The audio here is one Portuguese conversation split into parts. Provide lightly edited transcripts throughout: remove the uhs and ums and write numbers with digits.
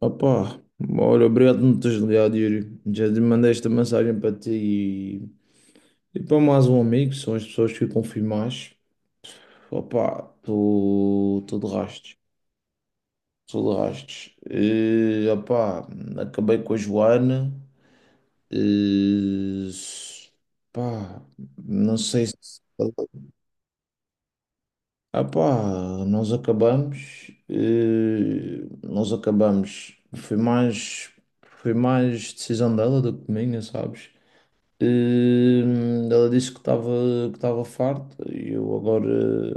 Opa, olha, obrigado por me teres ligado, Yuri. Já te mandei esta mensagem para ti e para mais um amigo, que são as pessoas que eu confio mais. Opa, estou de rastos, estou de rastos. E, opa, Acabei com a Joana. E, pá, não sei se... Opa, nós acabamos, foi mais decisão dela do que minha, sabes? Ela disse que estava farta e eu agora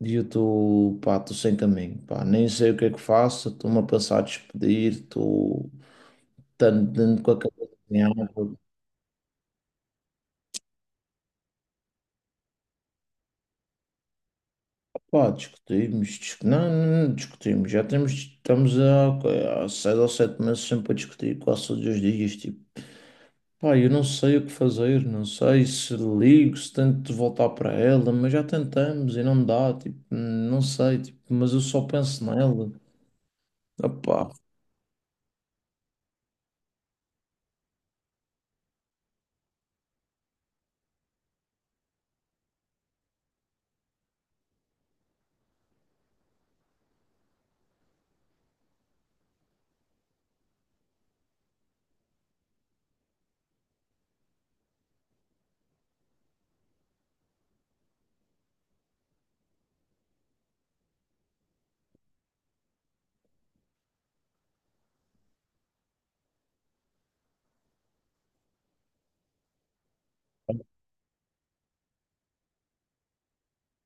e eu estou pá, estou sem caminho, pá, nem sei o que é que faço, estou-me a pensar a despedir, estou tanto dentro com a cabeça em água. Pá, discutimos, não, não discutimos, já temos, estamos há, há seis ou sete meses sempre a discutir quase todos os dias, tipo. Pá, eu não sei o que fazer, não sei se ligo, se tento voltar para ela, mas já tentamos e não dá, tipo, não sei, tipo, mas eu só penso nela. Opá,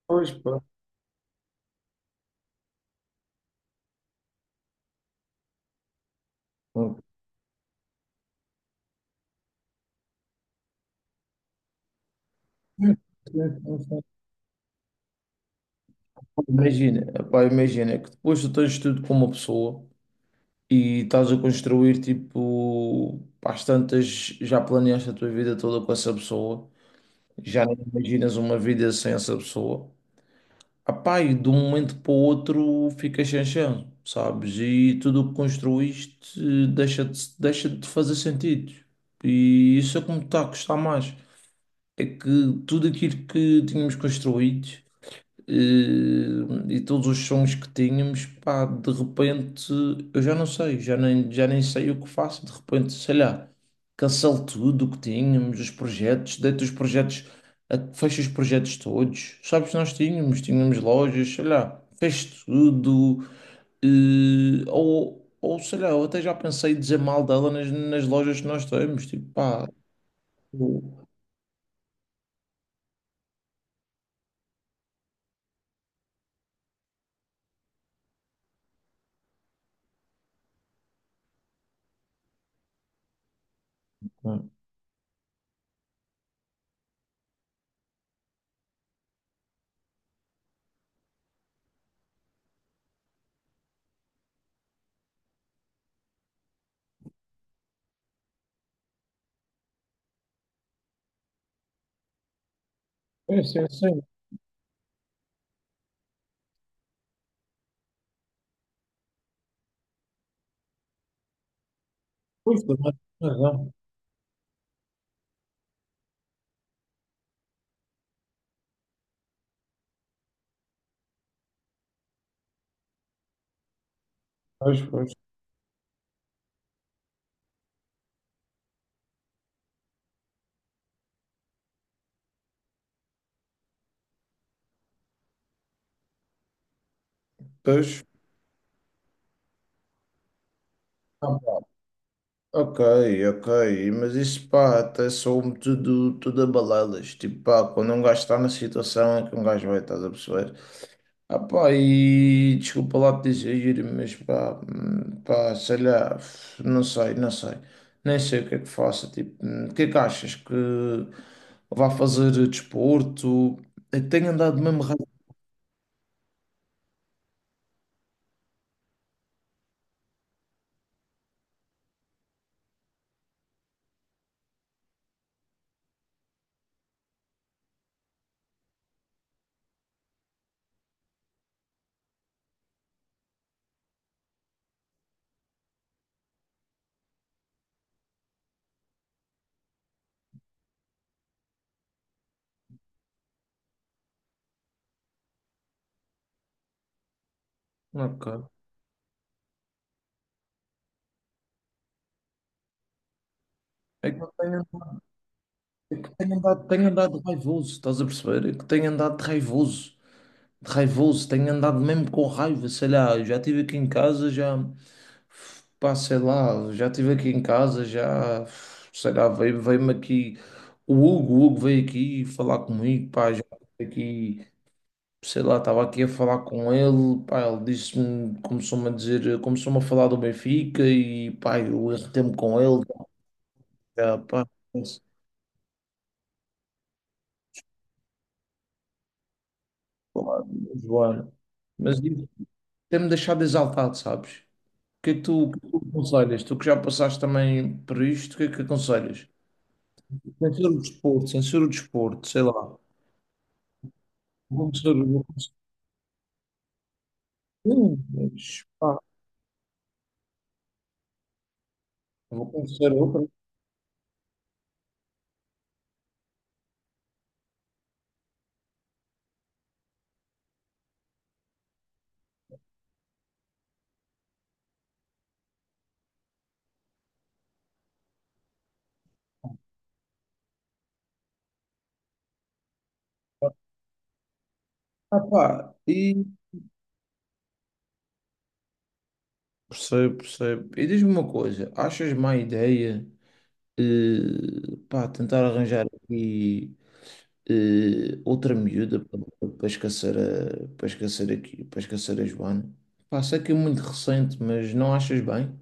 pois, pá. Imagina, opá, imagina que depois tu tens tudo com uma pessoa e estás a construir, tipo, às tantas já planeaste a tua vida toda com essa pessoa, já não imaginas uma vida sem essa pessoa. Apá, e de um momento para o outro fica chanchão, sabes? E tudo o que construíste deixa de fazer sentido. E isso é como está a custar mais. É que tudo aquilo que tínhamos construído. E, e todos os sons que tínhamos, pá, de repente eu já não sei, já nem sei o que faço. De repente, sei lá, cancelo tudo o que tínhamos, os projetos, deito os projetos, fecho os projetos todos. Sabes, nós tínhamos, tínhamos lojas, sei lá, fecho tudo. E, ou sei lá, eu até já pensei em dizer mal dela nas, nas lojas que nós temos, tipo, pá. eu- É, sim, sim. Pois, também tem razão. Pois, pois. Pois, ok, ok, mas isso pá, até soa tudo, tudo a balelas. Tipo, pá, quando um gajo está na situação é que um gajo vai, estás a perceber? Ah pá, e desculpa lá te dizer, mas pá, pá, sei lá, não sei, não sei, nem sei o que é que faço. Tipo, o que é que achas que vá fazer desporto? Eu tenho andado mesmo raivoso. Ok, é que eu tenho, é que tenho andado raivoso, estás a perceber? É que tenho andado raivoso. Raivoso, tenho andado mesmo com raiva, sei lá, já estive aqui em casa, já, pá, sei lá, já estive aqui em casa, já, sei lá, veio-me aqui, o Hugo veio aqui falar comigo, pá, já estive aqui, sei lá, estava aqui a falar com ele, pá, ele disse-me, começou-me a dizer, começou-me a falar do Benfica e, pá, eu irritei-me com ele, já, pá, sei lá, mas, bora. Mas isso tem-me deixado exaltado, sabes? Que é que tu aconselhas? Tu que já passaste também por isto, o que é que aconselhas? Censura o desporto, sei lá. Vou começar, mas, pá, vou começar outra. Ah, pá, e percebo, percebo. E diz-me uma coisa, achas má ideia, pá, tentar arranjar aqui outra miúda para, para esquecer a, para esquecer aqui, para esquecer a Joana? Pá, sei que é muito recente, mas não achas bem?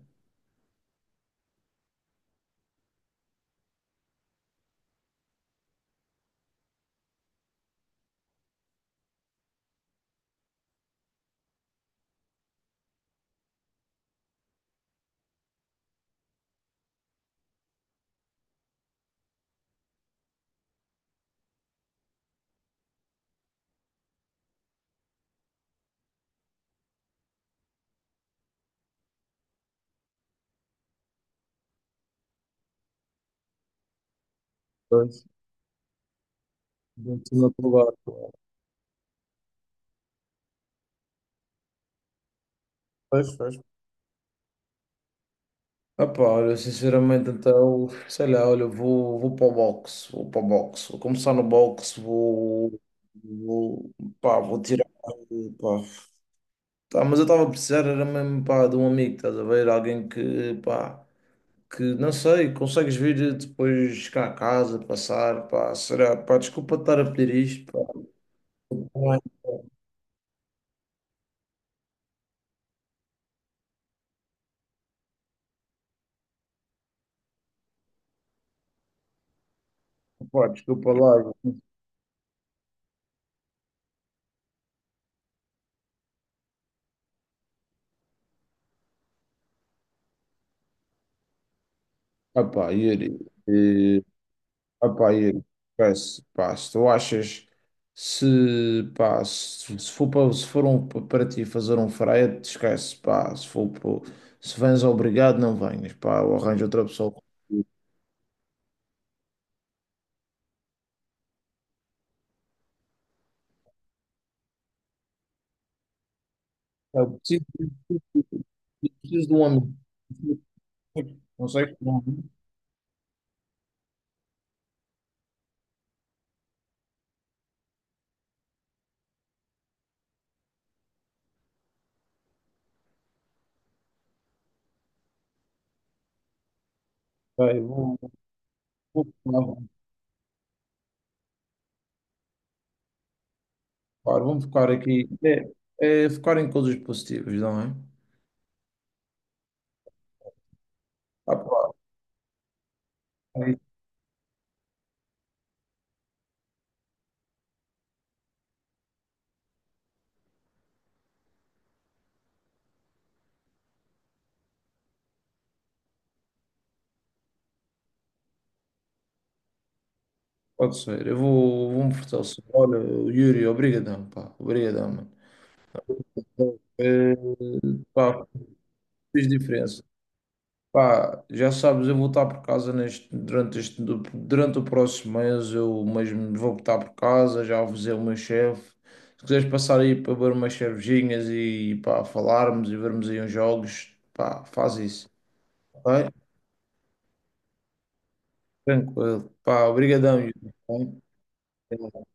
Não estou lá. Pois, pois. Ah pá, olha, sinceramente, então, sei lá, olha, eu vou, vou para o boxe, vou para o boxe, vou começar no boxe, vou, vou, pá, vou tirar, pá. Tá, mas eu estava a precisar, era mesmo, pá, de um amigo, estás a ver? Alguém que, pá, que, não sei, consegues vir depois cá a casa, passar, pá, será, pá, desculpa estar a pedir isto, pá, pá, desculpa lá. Ah pá, Yuri. eh, Opa, e, pá, se tu achas se, pá, se for para, se for um- para ti fazer um frete, esquece, pá, se for para- se vens obrigado, não venhas, pá, eu arranjo outra pessoa. Eu preciso, eu preciso de um amigo. Não sei como. Bem, vou, vou, focar, vou focar vou focar aqui. É, é focar em coisas positivas, não é? Ah, pá, pode ser. Eu vou, vou me fortalecer. Olha, Yuri, obrigadão, pá. Obrigadão, mano. Eh, Pá, fez diferença. Pá, já sabes, eu vou estar por casa neste, durante este, durante o próximo mês, eu mesmo vou estar por casa, já avisei o meu chefe. Se quiseres passar aí para beber umas cervejinhas e pá, falarmos e vermos aí uns jogos, pá, faz isso. Ok? Tranquilo. Pá, obrigadão. Yuri, tá bem?